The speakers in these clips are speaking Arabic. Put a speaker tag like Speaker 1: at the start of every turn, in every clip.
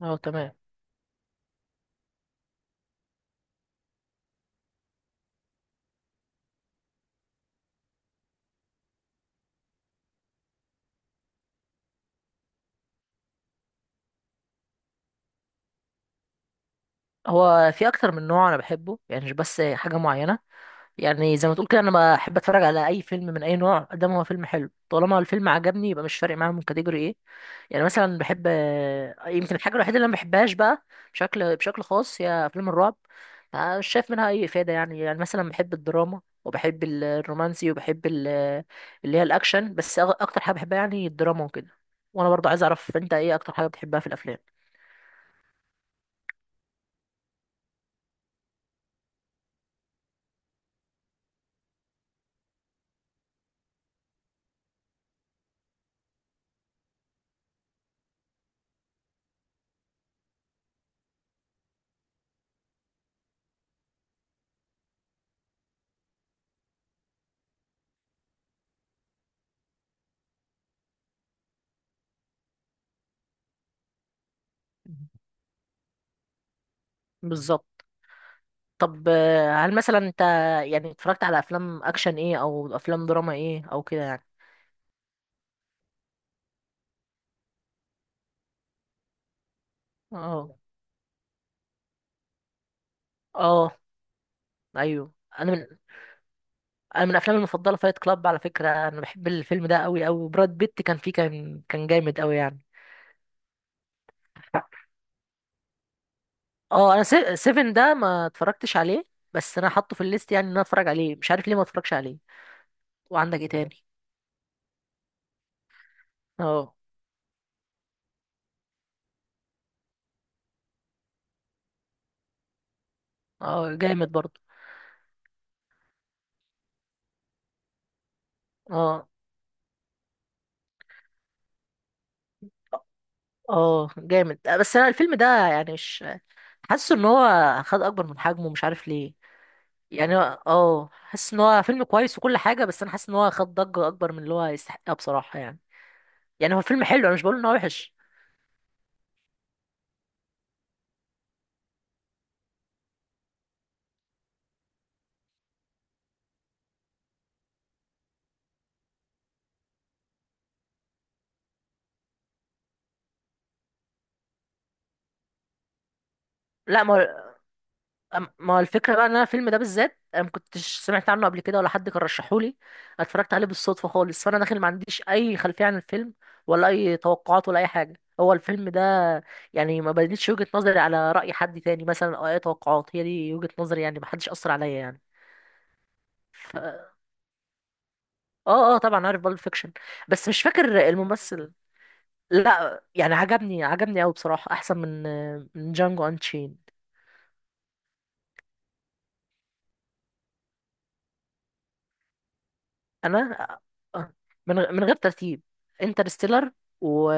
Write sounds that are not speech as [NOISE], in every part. Speaker 1: اه تمام. هو في اكتر من نوع انا بحبه، يعني مش بس حاجه معينه. يعني زي ما تقول كده، انا بحب اتفرج على اي فيلم من اي نوع قدام، هو فيلم حلو طالما الفيلم عجبني، يبقى مش فارق معايا من كاتيجوري ايه. يعني مثلا بحب، يمكن الحاجه الوحيده اللي انا ما بحبهاش بقى بشكل خاص هي افلام الرعب. ما مش شايف منها اي افاده. يعني يعني مثلا بحب الدراما، وبحب الرومانسي، وبحب اللي هي الاكشن. بس اكتر حاجه بحبها يعني الدراما وكده. وانا برضو عايز اعرف انت ايه اكتر حاجه بتحبها في الافلام؟ بالظبط. طب هل مثلا انت يعني اتفرجت على افلام اكشن ايه او افلام دراما ايه او كده يعني؟ اه. اه ايوه، انا من انا من افلامي المفضله فايت كلاب. على فكره انا بحب الفيلم ده قوي قوي، براد بيت كان فيه، كان جامد قوي يعني. اه انا سيفن ده ما اتفرجتش عليه، بس انا حاطه في الليست يعني ان انا اتفرج عليه، مش عارف ليه ما اتفرجش عليه. وعندك ايه تاني؟ اه. اه جامد برضه. اه اه جامد، بس انا الفيلم ده يعني مش، حاسه ان هو خد اكبر من حجمه، مش عارف ليه. يعني هو- اه حاسس ان هو فيلم كويس وكل حاجه، بس انا حاسس ان هو خد ضجه اكبر من اللي هو يستحقها بصراحه يعني. يعني هو فيلم حلو، انا مش بقول ان هو وحش. لا ما هو، ما هو الفكره بقى ان انا الفيلم ده بالذات انا ما كنتش سمعت عنه قبل كده، ولا حد كان رشحهولي أنا. اتفرجت عليه بالصدفه خالص، فانا داخل ما عنديش اي خلفيه عن الفيلم، ولا اي توقعات ولا اي حاجه هو الفيلم ده. يعني ما بنيتش وجهه نظري على راي حد تاني مثلا او اي توقعات، هي دي وجهه نظري يعني، ما حدش اثر عليا يعني. ف... اه اه طبعا عارف بالب فيكشن، بس مش فاكر الممثل. لا يعني عجبني، عجبني قوي بصراحة، احسن من من جانجو انشين. انا آه، من غير ترتيب، انترستيلر، و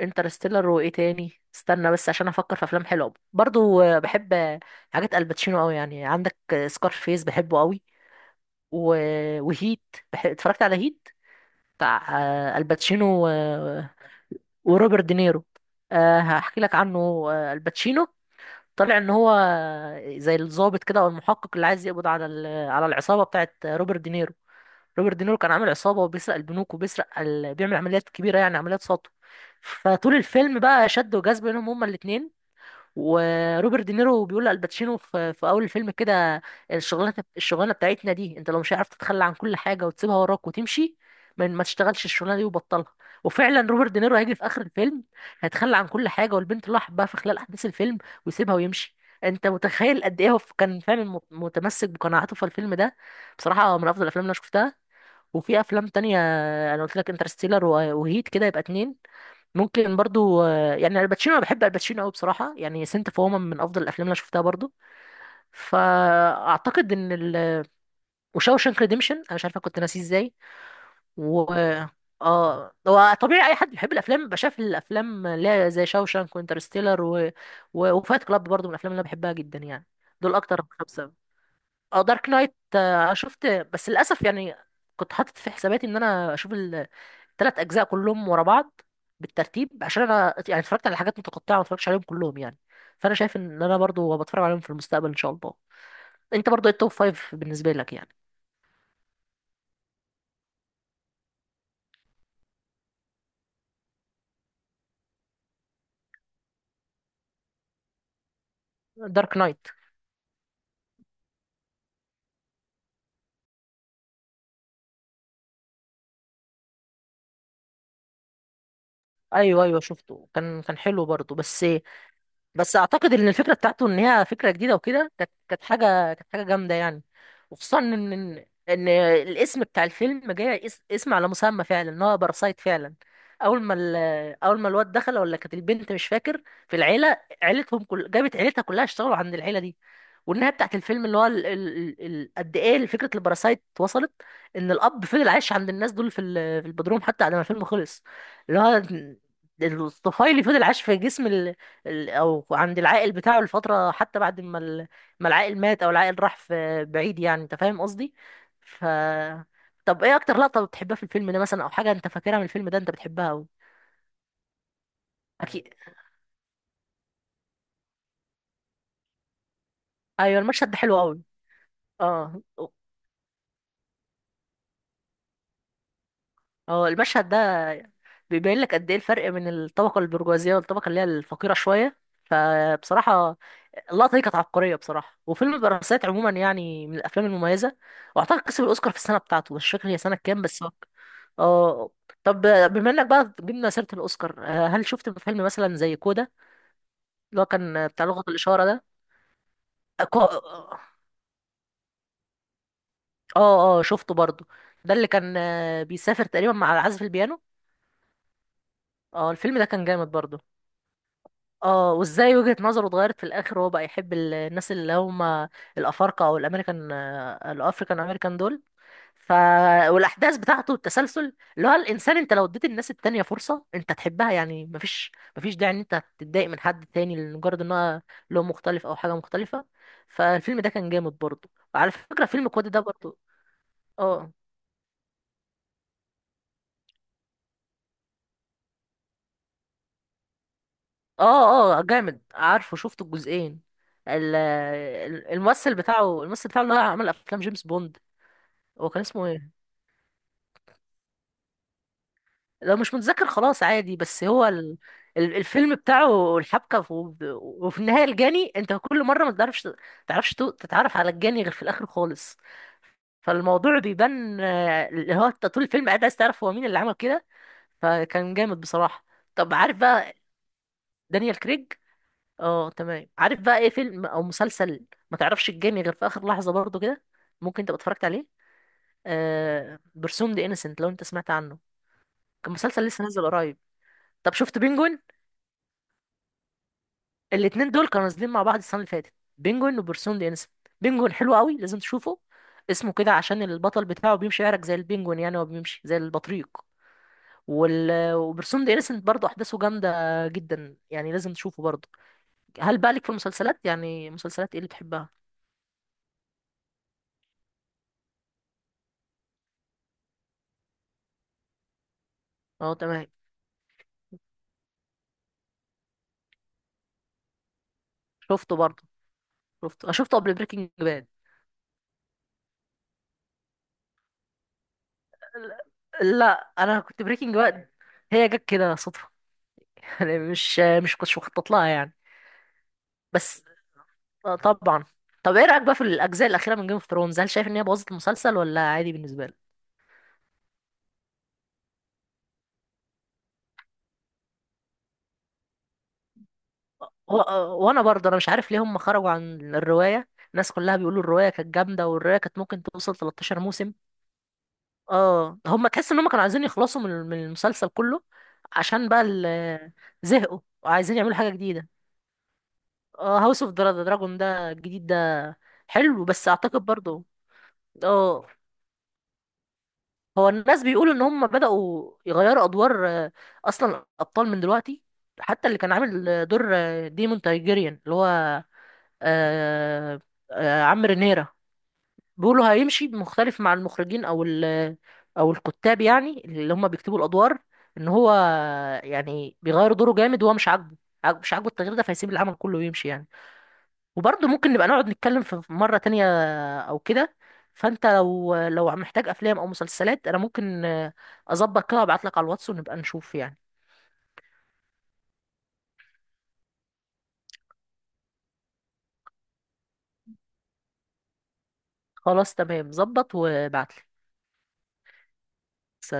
Speaker 1: انترستيلر، وايه تاني؟ استنى بس عشان افكر في افلام حلوه برضو. بحب حاجات الباتشينو قوي، يعني عندك سكارفيس بحبه قوي. و... وهيت، اتفرجت على هيت بتاع الباتشينو و... وروبرت دينيرو. أه هحكي لك عنه. الباتشينو طلع ان هو زي الضابط كده او المحقق اللي عايز يقبض على على العصابه بتاعت روبرت دينيرو. روبرت دينيرو كان عامل عصابه وبيسرق البنوك وبيسرق ال... بيعمل عمليات كبيره يعني عمليات سطو. فطول الفيلم بقى شد وجذب بينهم هما الاتنين. وروبرت دينيرو بيقول لالباتشينو في اول الفيلم كده: الشغلانه بتاعتنا دي انت لو مش عارف تتخلى عن كل حاجه وتسيبها وراك وتمشي، ما تشتغلش الشغلانه دي وبطلها. وفعلا روبرت دينيرو هيجي في اخر الفيلم، هيتخلى عن كل حاجه والبنت اللي هو حبها في خلال احداث الفيلم ويسيبها ويمشي. انت متخيل قد ايه هو كان فعلا متمسك بقناعاته في الفيلم ده؟ بصراحه من افضل الافلام اللي انا شفتها. وفي افلام تانية، انا قلت لك انترستيلر وهيت، كده يبقى اتنين. ممكن برضو يعني الباتشينو، انا بحب الباتشينو قوي بصراحه، يعني سنت اوف وومن من افضل الافلام اللي أنا شفتها برضو. فاعتقد ان ال، وشاوشانك ريديمشن انا مش عارفه كنت ناسيه ازاي. و اه، هو طبيعي اي حد بيحب الافلام يبقى شاف الافلام اللي هي زي شاوشانك وانترستيلر و... و... وفايت كلاب برضو من الافلام اللي انا بحبها جدا يعني. دول اكتر خمسه. اه دارك نايت شفت بس للاسف يعني، كنت حاطط في حساباتي ان انا اشوف ثلاث اجزاء كلهم ورا بعض بالترتيب، عشان انا يعني اتفرجت على حاجات متقطعه، ما اتفرجتش عليهم كلهم يعني. فانا شايف ان انا برضو بتفرج عليهم في المستقبل ان شاء الله. انت برضو ايه التوب فايف بالنسبه لك يعني؟ دارك نايت. ايوه ايوه شفته، كان حلو برضو، بس بس اعتقد ان الفكره بتاعته ان هي فكره جديده وكده، كانت حاجه جامده يعني. وخصوصا ان ان إن الاسم بتاع الفيلم جاي اسم على مسمى فعلا ان هو باراسايت فعلا. اول ما الواد دخل، ولا كانت البنت مش فاكر، في العيله، عيلتهم كل جابت عيلتها كلها اشتغلوا عند العيله دي. والنهايه بتاعت الفيلم اللي هو قد ايه فكره الباراسايت وصلت، ان الاب فضل عايش عند الناس دول في البدروم حتى بعد ما الفيلم خلص. اللي هو الطفيلي فضل عايش في جسم او عند العائل بتاعه لفتره، حتى بعد ما العائل مات او العائل راح في بعيد، يعني انت فاهم قصدي. ف، طب ايه اكتر لقطه بتحبها في الفيلم ده مثلا، او حاجه انت فاكرها من الفيلم ده انت بتحبها قوي؟ اكيد. ايوه المشهد ده حلو قوي. اه. اه المشهد ده بيبين لك قد ايه الفرق بين الطبقه البرجوازيه والطبقه اللي هي الفقيره شويه. فبصراحه اللقطه دي كانت عبقريه بصراحه، وفيلم برسات عموما يعني من الافلام المميزه. واعتقد كسب الاوسكار في السنه بتاعته، مش فاكر هي سنه كام بس. اه. طب بما انك بقى جبنا سيرة الأوسكار، هل شفت فيلم مثلا زي كودا؟ اللي هو كان بتاع لغة الإشارة ده. اه اه. شفته برضو، ده اللي كان بيسافر تقريبا مع عازف البيانو. اه الفيلم ده كان جامد برضو. اه، وازاي وجهة نظره اتغيرت في الآخر، وهو بقى يحب الناس اللي هم الأفارقة أو الأمريكان، الأفريكان أمريكان دول. ف، والاحداث بتاعته التسلسل اللي هو الانسان، انت لو اديت الناس التانية فرصه انت تحبها، يعني مفيش داعي ان انت تتضايق من حد تاني لمجرد ان هو لون مختلف او حاجه مختلفه. فالفيلم ده كان جامد برضه. وعلى فكره فيلم كواد ده برضه. اه. اه اه جامد، عارفه شفت الجزئين. الممثل بتاعه، الممثل بتاعه اللي هو عمل افلام جيمس بوند، هو كان اسمه ايه؟ لو مش متذكر خلاص عادي، بس هو ال... الفيلم بتاعه الحبكة في... وفي النهاية الجاني انت كل مرة ما تعرفش، تتعرف على الجاني غير في الآخر خالص. فالموضوع بيبان، اللي هو انت طول الفيلم قاعد عايز تعرف هو مين اللي عمل كده. فكان جامد بصراحة. طب عارف بقى، دانيال كريج. اه تمام. عارف بقى ايه فيلم او مسلسل ما تعرفش الجاني غير في آخر لحظة برضه كده؟ ممكن تبقى اتفرجت عليه. آه... برسوم دي انسنت، لو انت سمعت عنه. كان مسلسل لسه نازل قريب. طب شفت بينجوين؟ الاتنين دول كانوا نازلين مع بعض السنه اللي فاتت، بينجوين وبرسون دي انسا. بينجوين حلو قوي لازم تشوفه، اسمه كده عشان البطل بتاعه بيمشي يعرج زي البينجوين، يعني هو بيمشي زي البطريق. وال... وبرسوم دي انسنت برضه احداثه جامده جدا يعني، لازم تشوفه برضه. هل بقى لك في المسلسلات يعني مسلسلات ايه اللي بتحبها؟ اه تمام. شفته برضه، شفته انا شفته قبل بريكنج باد. لا انا كنت بريكنج باد، هي جت كده صدفه. [LAUGHS] يعني مش، مش كنتش مخطط لها يعني. بس طبعا. طب ايه رايك بقى في الاجزاء الاخيره من جيم اوف ثرونز، هل شايف ان هي بوظت المسلسل ولا عادي بالنسبه لك؟ و... وانا برضه انا مش عارف ليه هم خرجوا عن الروايه، الناس كلها بيقولوا الروايه كانت جامده، والروايه كانت ممكن توصل 13 موسم. اه هم تحس ان هم كانوا عايزين يخلصوا من من المسلسل كله عشان بقى زهقوا وعايزين يعملوا حاجه جديده. اه هاوس اوف دراجون ده الجديد ده، حلو بس اعتقد برضه. اه. هو الناس بيقولوا ان هم بدأوا يغيروا ادوار اصلا الابطال من دلوقتي، حتى اللي كان عامل دور ديمون تايجيريان اللي هو، آه، عم رينيرا، بيقولوا هيمشي مختلف مع المخرجين او او الكتاب يعني اللي هم بيكتبوا الادوار، ان هو يعني بيغير دوره جامد وهو مش عاجبه، مش عاجبه التغيير ده فهيسيب العمل كله ويمشي يعني. وبرضه ممكن نبقى نقعد نتكلم في مرة تانية أو كده. فأنت لو محتاج أفلام أو مسلسلات، أنا ممكن أظبط كده وأبعتلك على الواتس ونبقى نشوف يعني. خلاص تمام، ظبط وابعتلي.